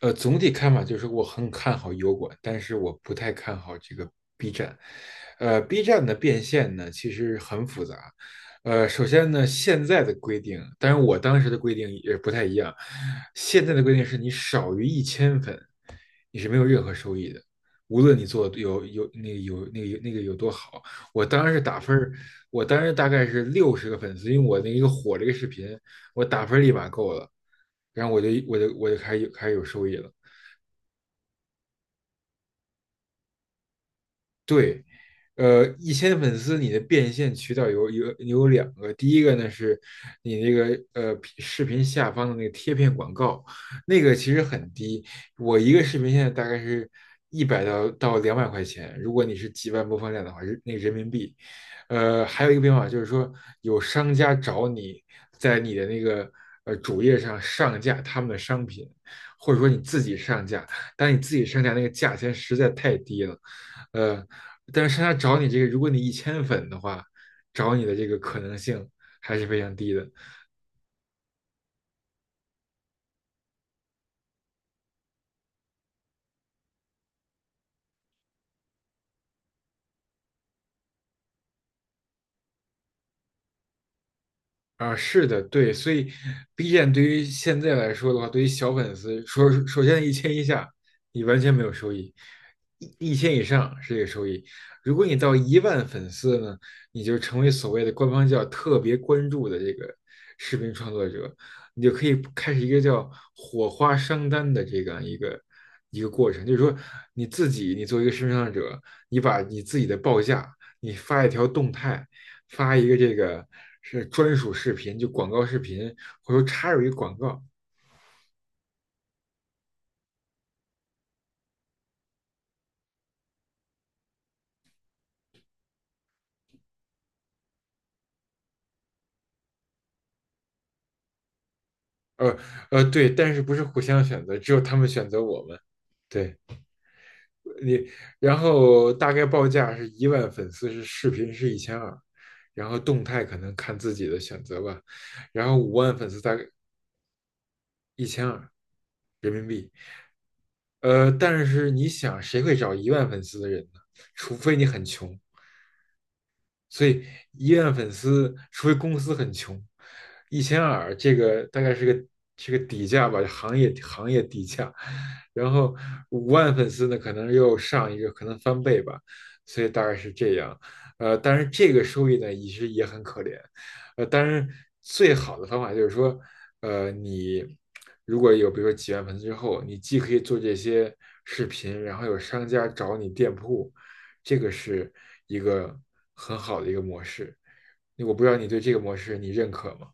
总体看法就是我很看好油管，但是我不太看好这个 B 站。B 站的变现呢，其实很复杂。首先呢，现在的规定，当然我当时的规定也不太一样。现在的规定是你少于一千粉，你是没有任何收益的，无论你做得有有那个有那个有那个有多好。我当时打分儿，我当时大概是60个粉丝，因为我那一个火这个视频，我打分立马够了，然后我就开始有收益了。对，一千粉丝你的变现渠道有两个，第一个呢是你那个视频下方的那个贴片广告，那个其实很低，我一个视频现在大概是一百到两百块钱，如果你是几万播放量的话，是那个人民币。还有一个变化就是说，有商家找你在你的那个主页上架他们的商品，或者说你自己上架，但你自己上架那个价钱实在太低了。呃，但是他找你这个，如果你一千粉的话，找你的这个可能性还是非常低的。啊，是的，对，所以 B 站对于现在来说的话，对于小粉丝，说首先1000以下，你完全没有收益；一千以上是这个收益。如果你到一万粉丝呢，你就成为所谓的官方叫特别关注的这个视频创作者，你就可以开始一个叫火花商单的这样一个过程，就是说你自己，你作为一个视频创作者，你把你自己的报价，你发一条动态。发一个这个是专属视频，就广告视频，或者插入一个广告。呃对，但是不是互相选择，只有他们选择我们。对你，然后大概报价是一万粉丝是视频是一千二，然后动态可能看自己的选择吧，然后五万粉丝大概一千二。但是你想，谁会找一万粉丝的人呢？除非你很穷。所以医万粉丝，除非公司很穷，一千二这个大概是个底价吧，行业底价。然后五万粉丝呢，可能又上一个，可能翻倍吧，所以大概是这样。但是这个收益呢，其实也很可怜。当然最好的方法就是说，你如果有比如说几万粉丝之后，你既可以做这些视频，然后有商家找你店铺，这个是一个很好的一个模式。我不知道你对这个模式你认可吗？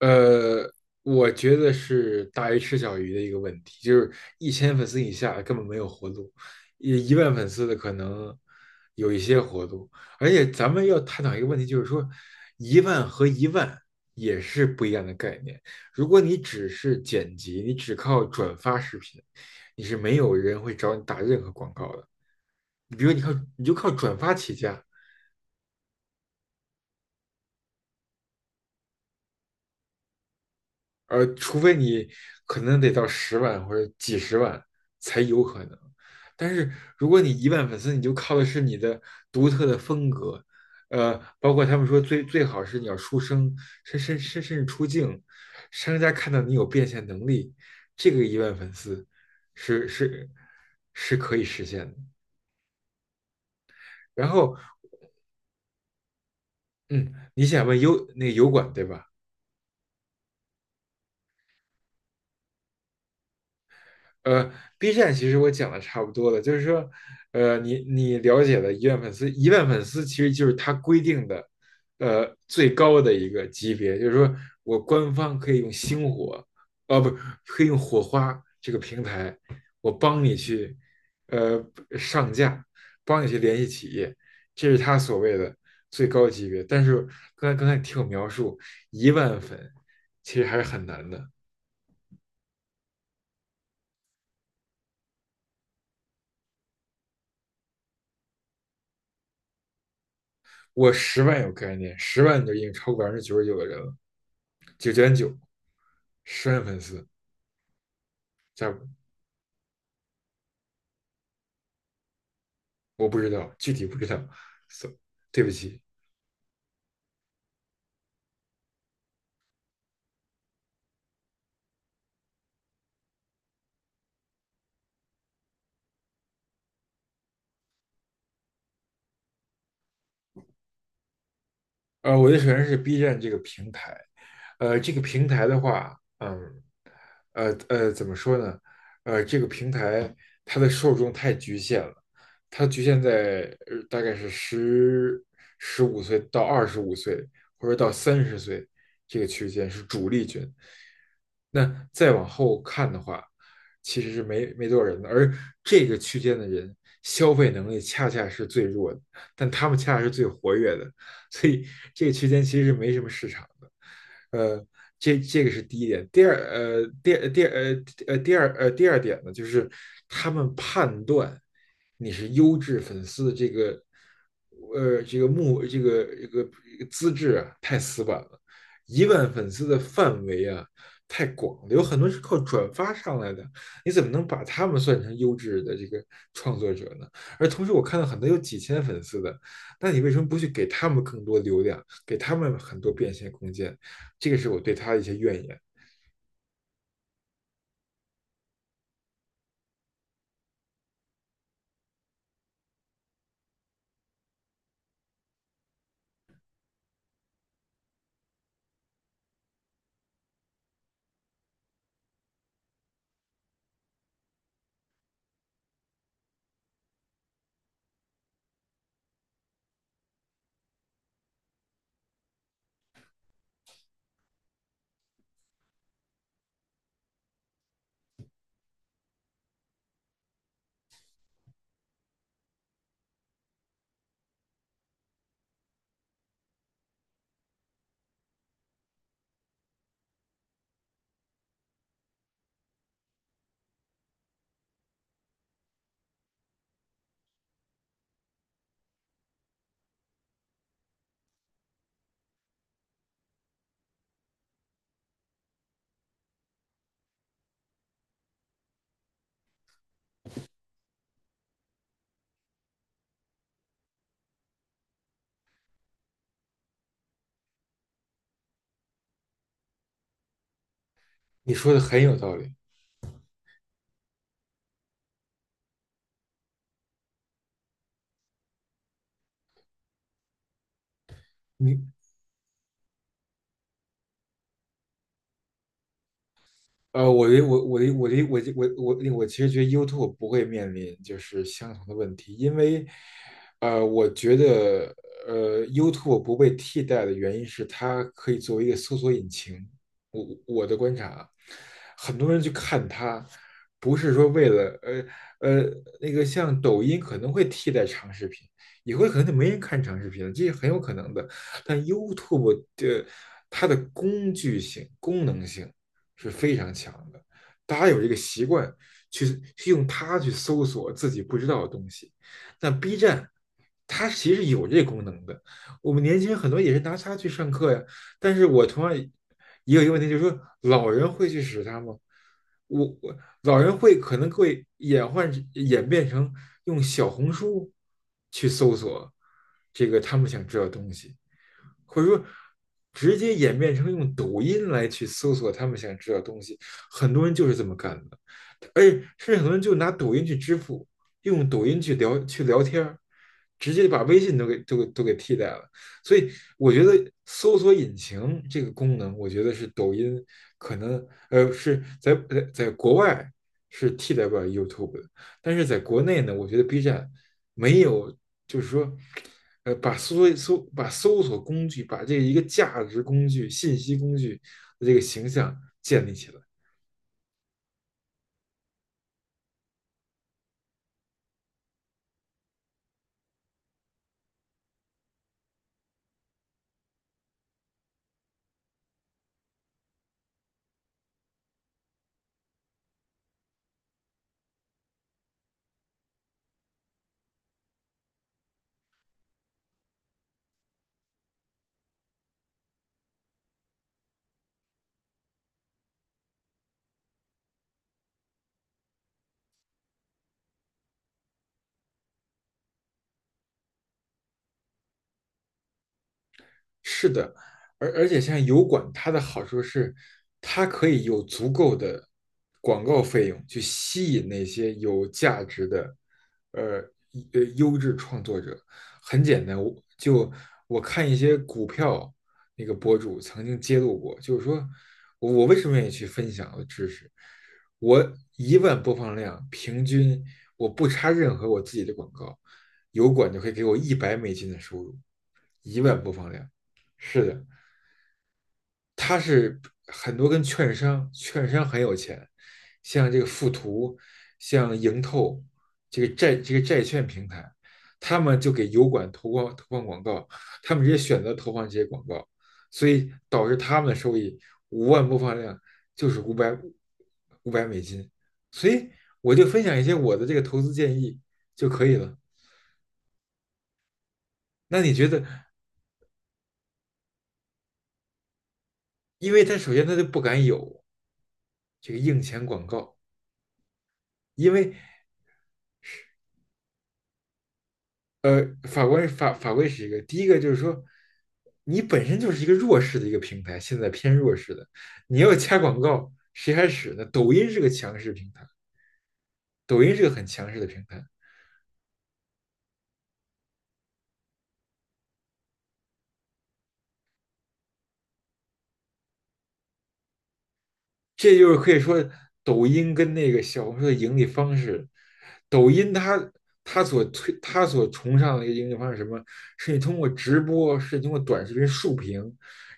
呃，我觉得是大鱼吃小鱼的一个问题，就是1000粉丝以下根本没有活路，一万粉丝的可能有一些活路。而且咱们要探讨一个问题，就是说1万和1万也是不一样的概念。如果你只是剪辑，你只靠转发视频，你是没有人会找你打任何广告的。你比如你靠你就靠转发起家，除非你可能得到十万或者几十万才有可能。但是如果你一万粉丝，你就靠的是你的独特的风格，包括他们说最好是你要出声，甚至出镜，商家看到你有变现能力，这个一万粉丝是是是可以实现的。然后，嗯，你想问油那个油管对吧？呃，B 站其实我讲的差不多了，就是说，你了解的1万粉丝，1万粉丝其实就是它规定的，最高的一个级别，就是说我官方可以用星火，哦、不，可以用火花这个平台，我帮你去，呃，上架，帮你去联系企业，这是他所谓的最高级别。但是刚才你听我描述，一万粉其实还是很难的。我10万有概念，10万都已经超过99%的人了，9.9，10万粉丝，在我不知道，具体不知道，so， 对不起。我的首先是 B 站这个平台，这个平台的话，嗯，怎么说呢？这个平台它的受众太局限了，它局限在大概是十五岁到二十五岁，或者到30岁这个区间是主力军。那再往后看的话，其实是没多少人的，而这个区间的人消费能力恰恰是最弱的，但他们恰恰是最活跃的，所以这个区间其实是没什么市场的。呃，这个是第一点。第二，第二点呢，就是他们判断你是优质粉丝的这个这个目这个资质啊，太死板了。一万粉丝的范围啊太广了，有很多是靠转发上来的，你怎么能把他们算成优质的这个创作者呢？而同时，我看到很多有几千粉丝的，那你为什么不去给他们更多流量，给他们很多变现空间？这个是我对他的一些怨言。你说的很有道理，你我的我我的我的我的我我我其实觉得 YouTube 不会面临就是相同的问题，因为，我觉得YouTube 不被替代的原因是它可以作为一个搜索引擎。我的观察啊，很多人去看它，不是说为了呃像抖音可能会替代长视频，以后可能就没人看长视频了，这是很有可能的。但 YouTube 的它的工具性、功能性。是非常强的。大家有这个习惯去去用它去搜索自己不知道的东西。那 B 站它其实有这功能的，我们年轻人很多也是拿它去上课呀。但是我同样也有一个问题，就是说老人会去使它吗？我我老人会可能会演变成用小红书去搜索这个他们想知道的东西。或者说直接演变成用抖音来去搜索他们想知道的东西，很多人就是这么干的，而且甚至很多人就拿抖音去支付，用抖音去聊天直接把微信都给替代了。所以我觉得搜索引擎这个功能，我觉得是抖音可能是在国外是替代不了 YouTube 的，但是在国内呢，我觉得 B 站没有，就是说，把搜索工具，把这一个价值工具、信息工具的这个形象建立起来。是的，而且像油管，它的好处是，它可以有足够的广告费用去吸引那些有价值的，呃优质创作者。很简单，我看一些股票那个博主曾经揭露过，就是说我为什么愿意去分享我的知识？我一万播放量，平均我不插任何我自己的广告，油管就可以给我100美金的收入，一万播放量。是的，他是很多跟券商，券商很有钱，像这个富途，像盈透，这个债券平台，他们就给油管投放广告，他们直接选择投放这些广告，所以导致他们的收益5万播放量就是五百美金，所以我就分享一些我的这个投资建议就可以了。那你觉得，因为他首先他就不敢有这个硬钱广告。因为呃，法官法法规是一个，第一个就是说，你本身就是一个弱势的一个平台，现在偏弱势的，你要加广告，谁还使呢？抖音是个强势平台，抖音是个很强势的平台，这就是可以说抖音跟那个小红书的盈利方式。抖音它所崇尚的一个盈利方式是什么？是你通过直播，是通过短视频竖屏，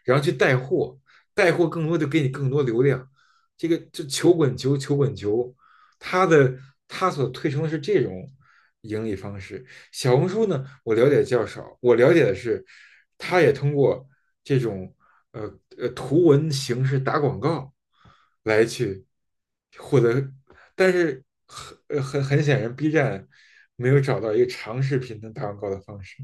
然后去带货，带货更多就给你更多流量。这个就球滚球，球滚球，它的它所推崇的是这种盈利方式。小红书呢，我了解较少，我了解的是，它也通过这种呃图文形式打广告来去获得，但是很显然，B 站没有找到一个长视频能打广告的方式。